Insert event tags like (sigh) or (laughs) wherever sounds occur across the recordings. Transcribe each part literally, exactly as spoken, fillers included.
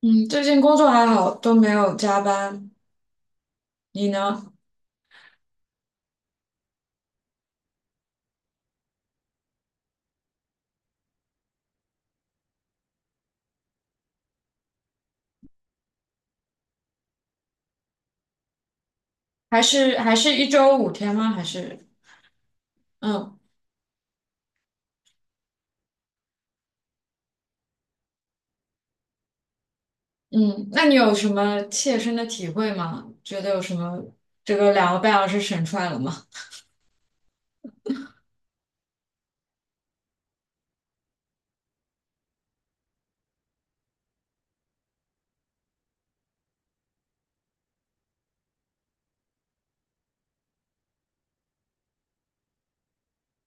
嗯，最近工作还好，都没有加班。你呢？还是还是一周五天吗？还是嗯嗯？那你有什么切身的体会吗？觉得有什么这个两个半小时省出来了吗？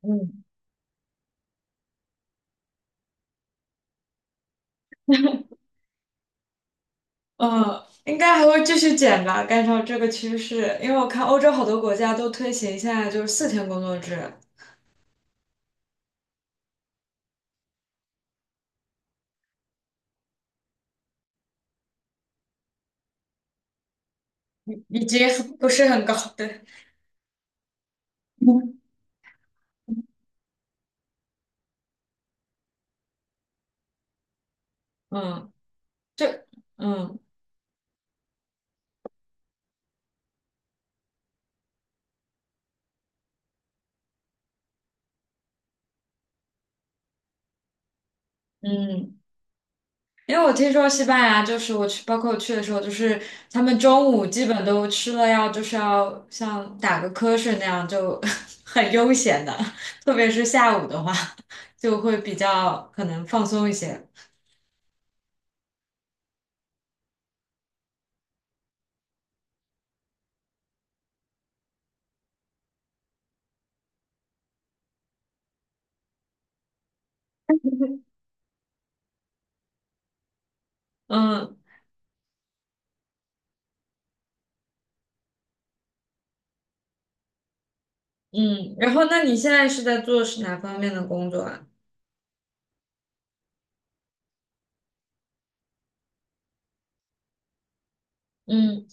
嗯，嗯，应该还会继续减吧，按照这个趋势，因为我看欧洲好多国家都推行现在就是四天工作制。已经不是很高，对。嗯嗯，这嗯嗯。因为我听说西班牙就是我去，包括我去的时候，就是他们中午基本都吃了要就是要像打个瞌睡那样就 (laughs) 很悠闲的，特别是下午的话就会比较可能放松一些。嗯嗯，然后那你现在是在做是哪方面的工作啊？嗯，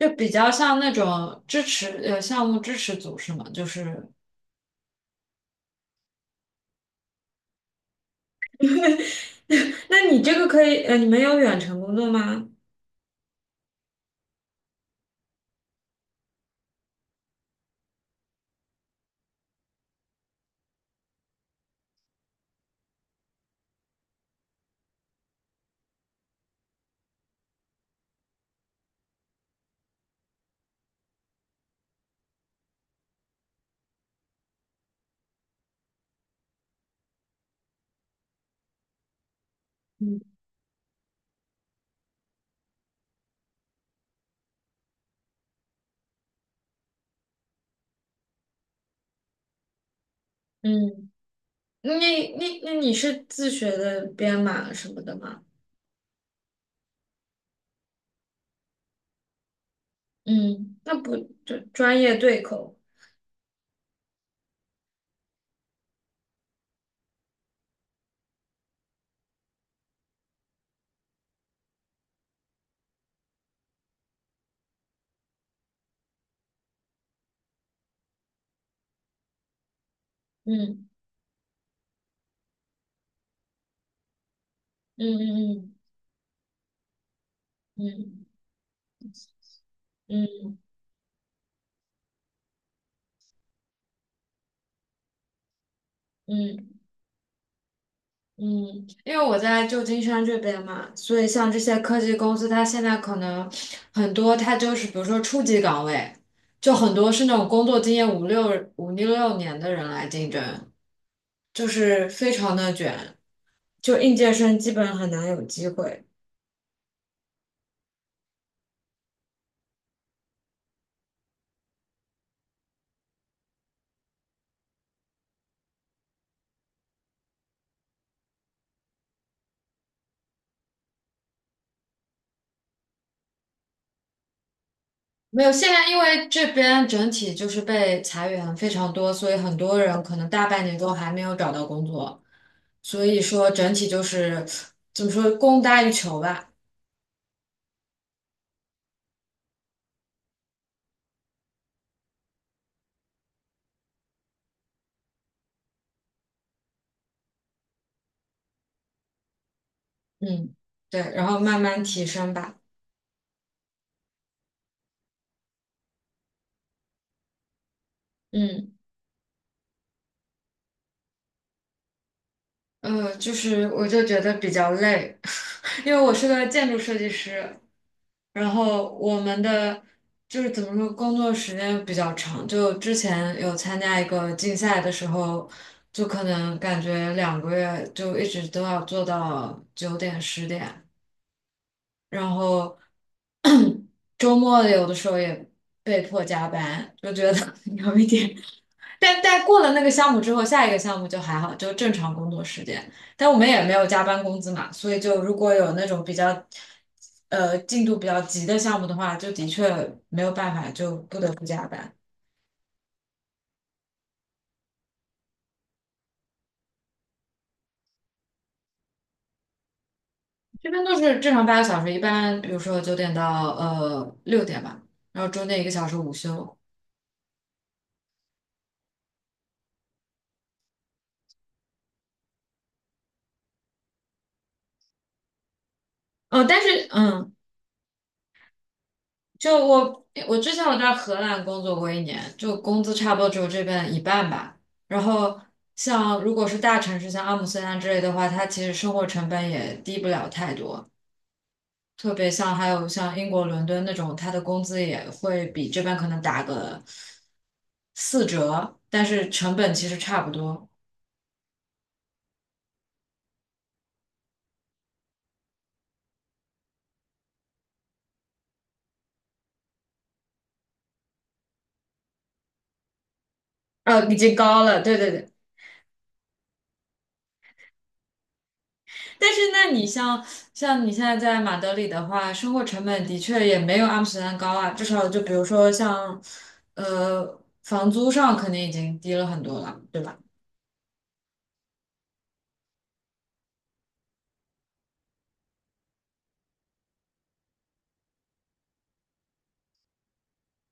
就比较像那种支持呃项目支持组是吗？就是，(laughs) 那你这个可以呃，你们有远程工作吗？嗯嗯。那那那你是自学的编码什么的吗？嗯，那不就专业对口？嗯嗯嗯嗯嗯嗯嗯，嗯，因为我在旧金山这边嘛，所以像这些科技公司，它现在可能很多，它就是比如说初级岗位，就很多是那种工作经验五六五六六年的人来竞争，就是非常的卷，就应届生基本很难有机会。没有，现在因为这边整体就是被裁员非常多，所以很多人可能大半年都还没有找到工作，所以说整体就是怎么说，供大于求吧。嗯，对，然后慢慢提升吧。嗯，呃，就是我就觉得比较累，(laughs) 因为我是个建筑设计师，然后我们的就是怎么说，工作时间比较长。就之前有参加一个竞赛的时候，就可能感觉两个月就一直都要做到九点十点，然后周末有的时候也被迫加班，就觉得 (laughs) 有一点。但但过了那个项目之后，下一个项目就还好，就正常工作时间。但我们也没有加班工资嘛，所以就如果有那种比较，呃，进度比较急的项目的话，就的确没有办法，就不得不加班。这边都是正常八个小时，一般比如说九点到呃六点吧，然后中间一个小时午休。呃，但是嗯，就我，我之前我在荷兰工作过一年，就工资差不多只有这边一半吧。然后像如果是大城市，像阿姆斯特丹之类的话，它其实生活成本也低不了太多。特别像还有像英国伦敦那种，它的工资也会比这边可能打个四折，但是成本其实差不多。呃，已经高了，对对对。但是，那你像像你现在在马德里的话，生活成本的确也没有阿姆斯特丹高啊，至少就比如说像，呃，房租上肯定已经低了很多了，对吧？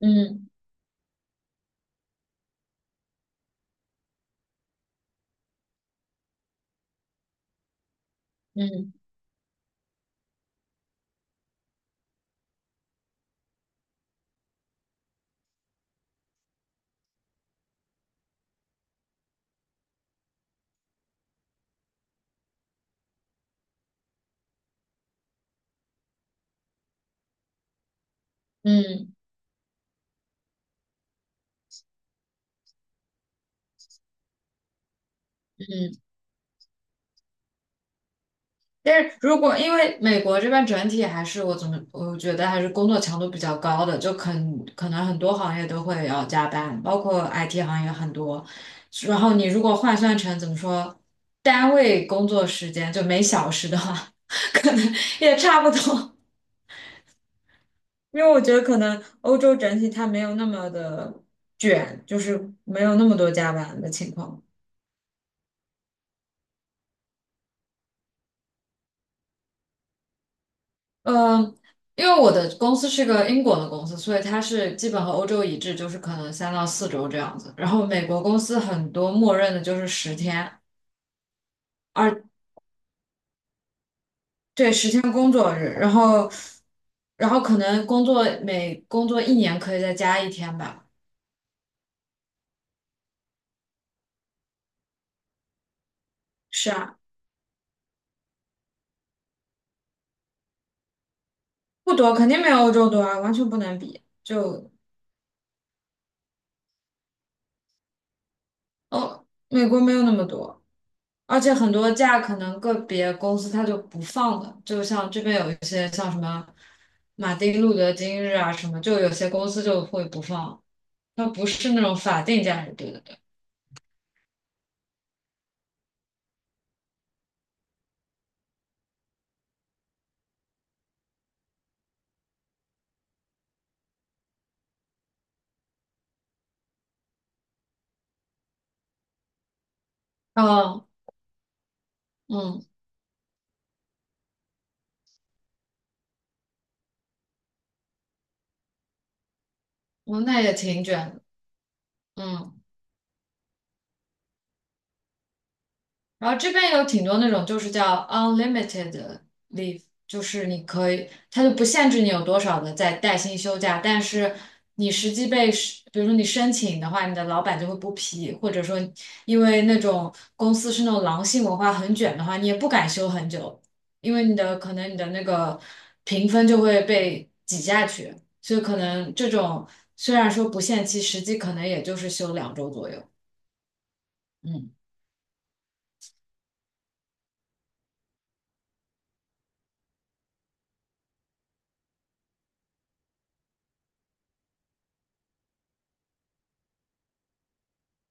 嗯嗯嗯嗯。但是如果因为美国这边整体还是我怎么我觉得还是工作强度比较高的，就可可能很多行业都会要加班，包括 I T 行业很多。然后你如果换算成怎么说，单位工作时间就每小时的话，(laughs) 可能也差不多。因为我觉得可能欧洲整体它没有那么的卷，就是没有那么多加班的情况。嗯，因为我的公司是个英国的公司，所以它是基本和欧洲一致，就是可能三到四周这样子。然后美国公司很多默认的就是十天，二，对，十天工作日。然后，然后可能工作每工作一年可以再加一天吧。是啊，不多，肯定没有欧洲多啊，完全不能比。就哦，美国没有那么多。而且很多假可能个别公司它就不放的，就像这边有一些像什么马丁路德金日啊什么，就有些公司就会不放，它不是那种法定假日，对对对。哦，嗯，哦，那也挺卷的，嗯。然后这边有挺多那种就是叫 unlimited leave，就是你可以，它就不限制你有多少的在带薪休假，但是你实际被是比如说你申请的话，你的老板就会不批，或者说因为那种公司是那种狼性文化很卷的话，你也不敢休很久，因为你的可能你的那个评分就会被挤下去，所以可能这种虽然说不限期，实际可能也就是休两周左右。嗯，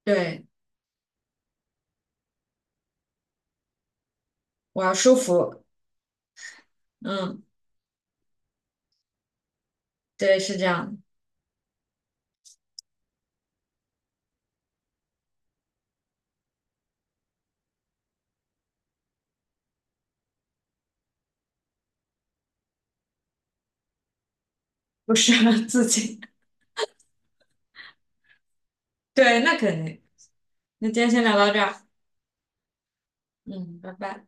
对，我要舒服。嗯。对，是这样的，不适合自己。(laughs) 对，那肯定。那今天先聊到这儿，嗯，拜拜。